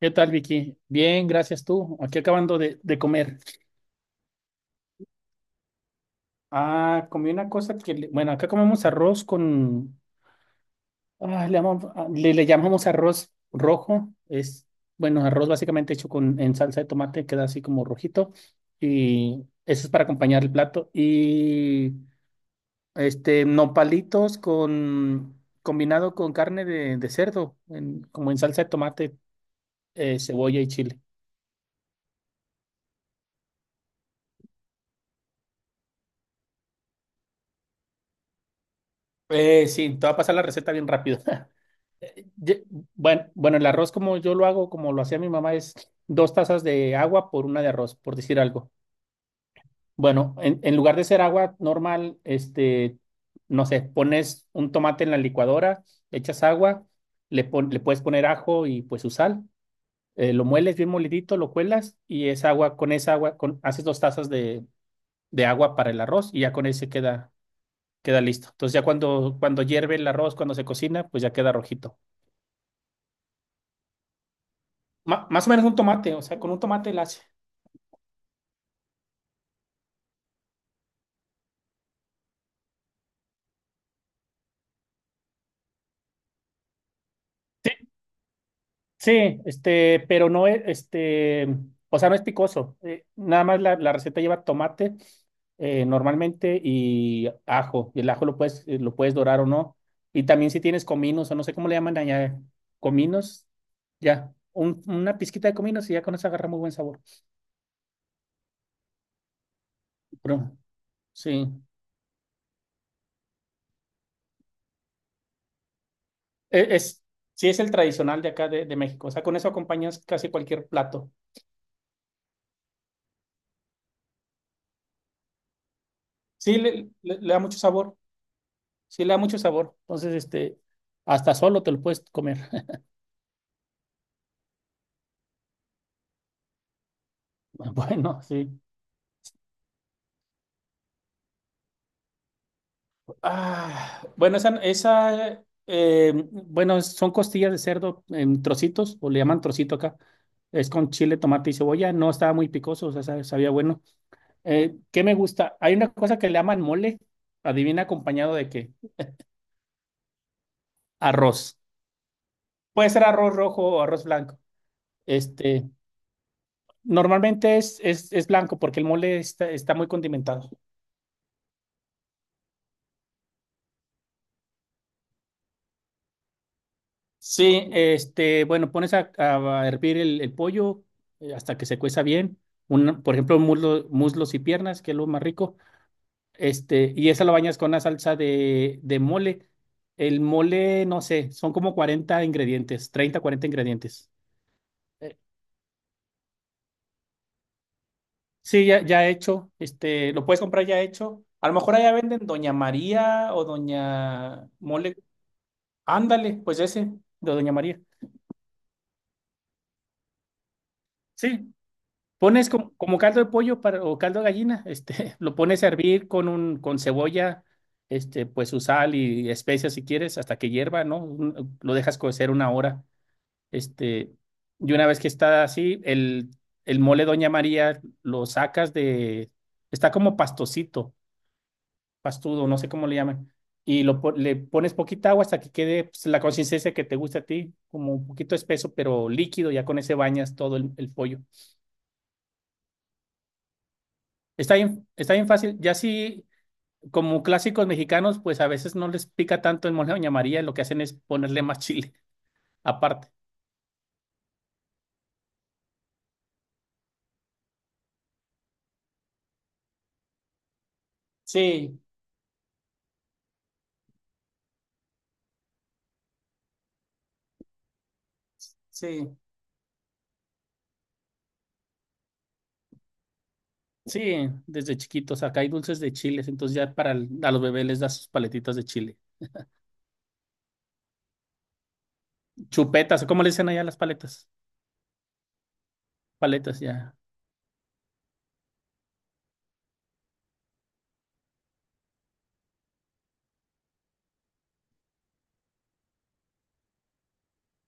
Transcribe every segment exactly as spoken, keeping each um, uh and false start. ¿Qué tal, Vicky? Bien, gracias tú. Aquí acabando de, de comer. Ah, comí una cosa que, le- bueno, acá comemos arroz con, ah, le, llamamos- ah, le, le llamamos arroz rojo. Es, bueno, arroz básicamente hecho con, en salsa de tomate, queda así como rojito. Y eso es para acompañar el plato. Y, este, nopalitos con, combinado con carne de, de cerdo, en- como en salsa de tomate, eh, cebolla y chile. Eh, sí, te va a pasar la receta bien rápido. Eh, ye- Bueno, bueno, el arroz como yo lo hago, como lo hacía mi mamá, es dos tazas de agua por una de arroz, por decir algo. Bueno, en, en lugar de ser agua normal, este, no sé, pones un tomate en la licuadora, le echas agua, le, pon- le puedes poner ajo y pues su sal, eh, lo mueles bien molidito, lo cuelas y esa agua, con esa agua, con, haces dos tazas de, de agua para el arroz y ya con ese queda, queda listo. Entonces ya cuando, cuando hierve el arroz, cuando se cocina, pues ya queda rojito. Ma- más o menos un tomate, o sea, con un tomate la hace. Sí, sí, este, pero no es, este, o sea, no es picoso. Eh, nada más la, la receta lleva tomate, eh, normalmente y ajo. Y el ajo lo puedes, eh, lo puedes dorar o no. Y también si tienes cominos, o no sé cómo le llaman allá, cominos, ya. Un- una pizquita de cominos y ya con eso agarra muy buen sabor. Pero, sí. E- Es, sí es el tradicional de acá de, de México. O sea, con eso acompañas casi cualquier plato. Sí le, le- le da mucho sabor. Sí le da mucho sabor. Entonces, este, hasta solo te lo puedes comer. Bueno, sí. Ah, bueno, esa, esa eh, bueno, son costillas de cerdo en trocitos, o le llaman trocito acá. Es con chile, tomate y cebolla. No estaba muy picoso, o sea, sa- sabía bueno. Eh, ¿qué me gusta? Hay una cosa que le llaman mole. Adivina acompañado de qué. Arroz. Puede ser arroz rojo o arroz blanco. Este, Normalmente es, es, es blanco porque el mole está, está muy condimentado. Sí, este, bueno, pones a, a hervir el, el pollo, eh, hasta que se cueza bien. Un, por ejemplo, muslo- muslos y piernas, que es lo más rico. Este, y esa lo bañas con una salsa de, de mole. El mole, no sé, son como cuarenta ingredientes, treinta cuarenta ingredientes. Eh, Sí, ya, ya hecho. Este, lo puedes comprar ya hecho. A lo mejor allá venden Doña María o Doña Mole. Ándale, pues ese, de Doña María. Sí, pones como, como caldo de pollo para, o caldo de gallina, este, lo pones a hervir con un, con cebolla, este, pues su sal y especias si quieres, hasta que hierva, ¿no? Un- Lo dejas cocer una hora, este, y una vez que está así, el, el mole Doña María lo sacas de, está como pastosito, pastudo, no sé cómo le llaman, y lo, po- le pones poquita agua hasta que quede pues, la consistencia que te gusta a ti, como un poquito espeso, pero líquido, ya con ese bañas todo el, el pollo. Está bien, está bien fácil, ya si como clásicos mexicanos, pues a veces no les pica tanto el mole de Doña María, lo que hacen es ponerle más chile aparte. Sí, sí. Sí, desde chiquitos. Acá hay dulces de chiles, entonces ya para el- a los bebés les das sus paletitas de chile. Chupetas, ¿cómo le dicen allá las paletas? Paletas, ya.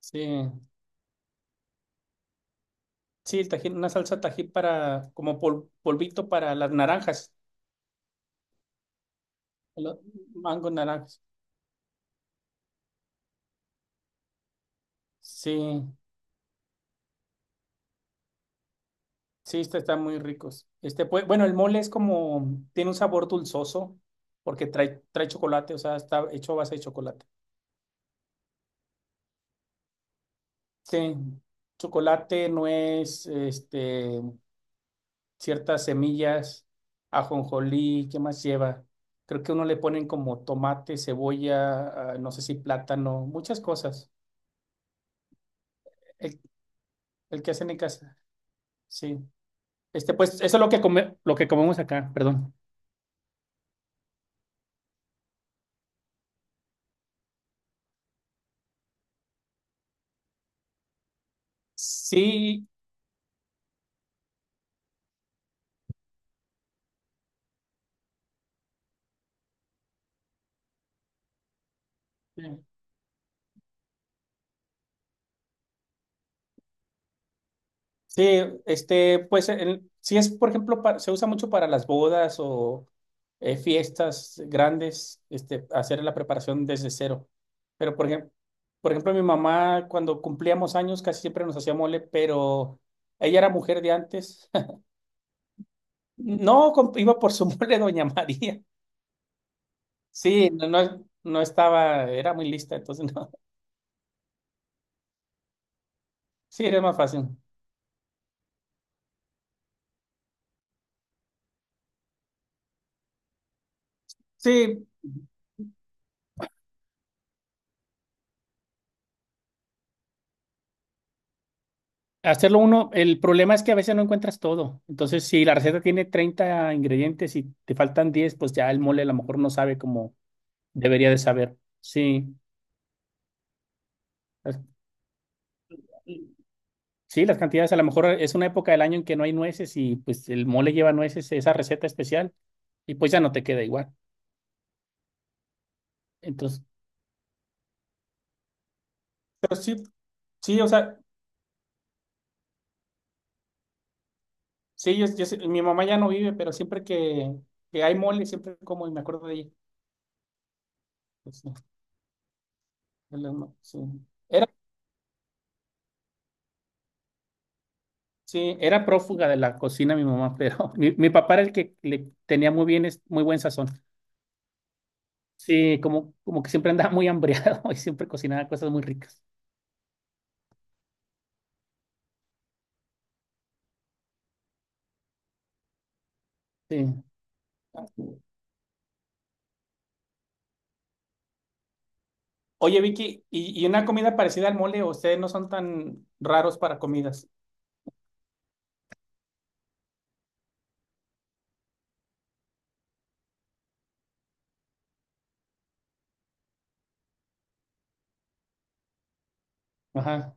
Sí. Sí, el tajín, una salsa tajín para, como pol- polvito para las naranjas, los mangos naranjas. Sí, sí, este está, están muy ricos. Este, pues, bueno, el mole es como, tiene un sabor dulzoso, porque trae, trae chocolate, o sea, está hecho a base de chocolate. Sí, chocolate, nuez, este, ciertas semillas, ajonjolí, ¿qué más lleva? Creo que uno le ponen como tomate, cebolla, ah, no sé si plátano, muchas cosas. El, el que hacen en casa, sí. Este, pues eso es lo que come, lo que comemos acá, perdón. Sí, sí, este, pues el- sí es, por ejemplo, pa- se usa mucho para las bodas o eh, fiestas grandes, este, hacer la preparación desde cero. Pero por ejemplo, por ejemplo, mi mamá cuando cumplíamos años casi siempre nos hacía mole, pero ella era mujer de antes. No, comp- iba por su mole Doña María. Sí, no, no, no estaba, era muy lista, entonces no. Sí, era más fácil. Sí, hacerlo uno, el problema es que a veces no encuentras todo. Entonces, si la receta tiene treinta ingredientes y te faltan diez, pues ya el mole a lo mejor no sabe como debería de saber. Sí. Las- Sí, las cantidades, a lo mejor es una época del año en que no hay nueces y pues el mole lleva nueces, esa receta especial, y pues ya no te queda igual. Entonces, pero sí, sí, o sea, sí, yo, yo sé- mi mamá ya no vive, pero siempre que, que hay mole, siempre como y me acuerdo de ella. Pues, sí, es lo- sí. Era Sí, era prófuga de la cocina mi mamá, pero mi, mi papá era el que le tenía muy bien, es- muy buen sazón. Sí, como, como que siempre andaba muy hambriado y siempre cocinaba cosas muy ricas. Sí. Oye, Vicky, ¿y, y una comida parecida al mole? ¿O ustedes no son tan raros para comidas? Ajá,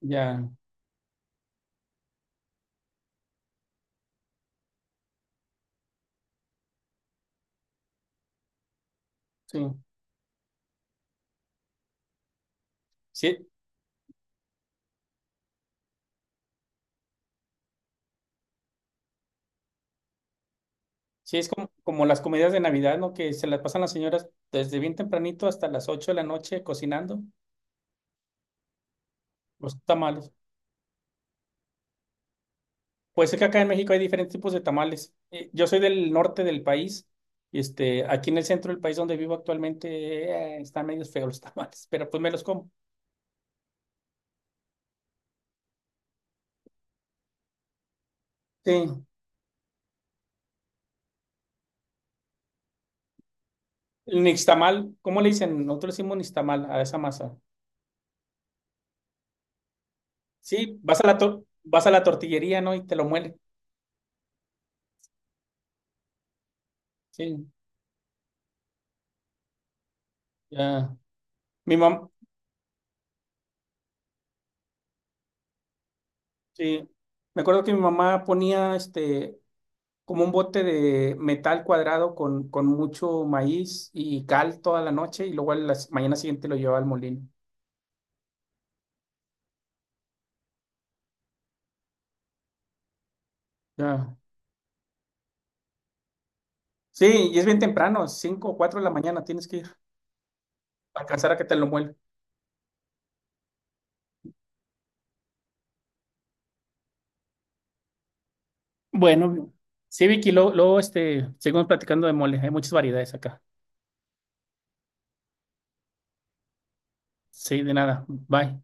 ya, sí. Sí, sí, es como, como las comidas de Navidad, ¿no? Que se las pasan las señoras desde bien tempranito hasta las ocho de la noche cocinando los tamales. Pues es que acá en México hay diferentes tipos de tamales. Eh, Yo soy del norte del país. Este, aquí en el centro del país donde vivo actualmente, eh, están medio feos los tamales, pero pues me los como. Sí. El nixtamal, ¿cómo le dicen? Nosotros le decimos nixtamal a esa masa. Sí, vas a la tor- vas a la tortillería, ¿no? Y te lo muelen. Sí, ya. Mi mamá, sí. Me acuerdo que mi mamá ponía este como un bote de metal cuadrado con, con mucho maíz y cal toda la noche y luego a la s- mañana siguiente lo llevaba al molino. Ya. Sí, y es bien temprano, cinco o cuatro de la mañana tienes que ir para alcanzar a que te lo muelen. Bueno, sí, Vicky, luego, luego, este, seguimos platicando de mole. Hay muchas variedades acá. Sí, de nada. Bye.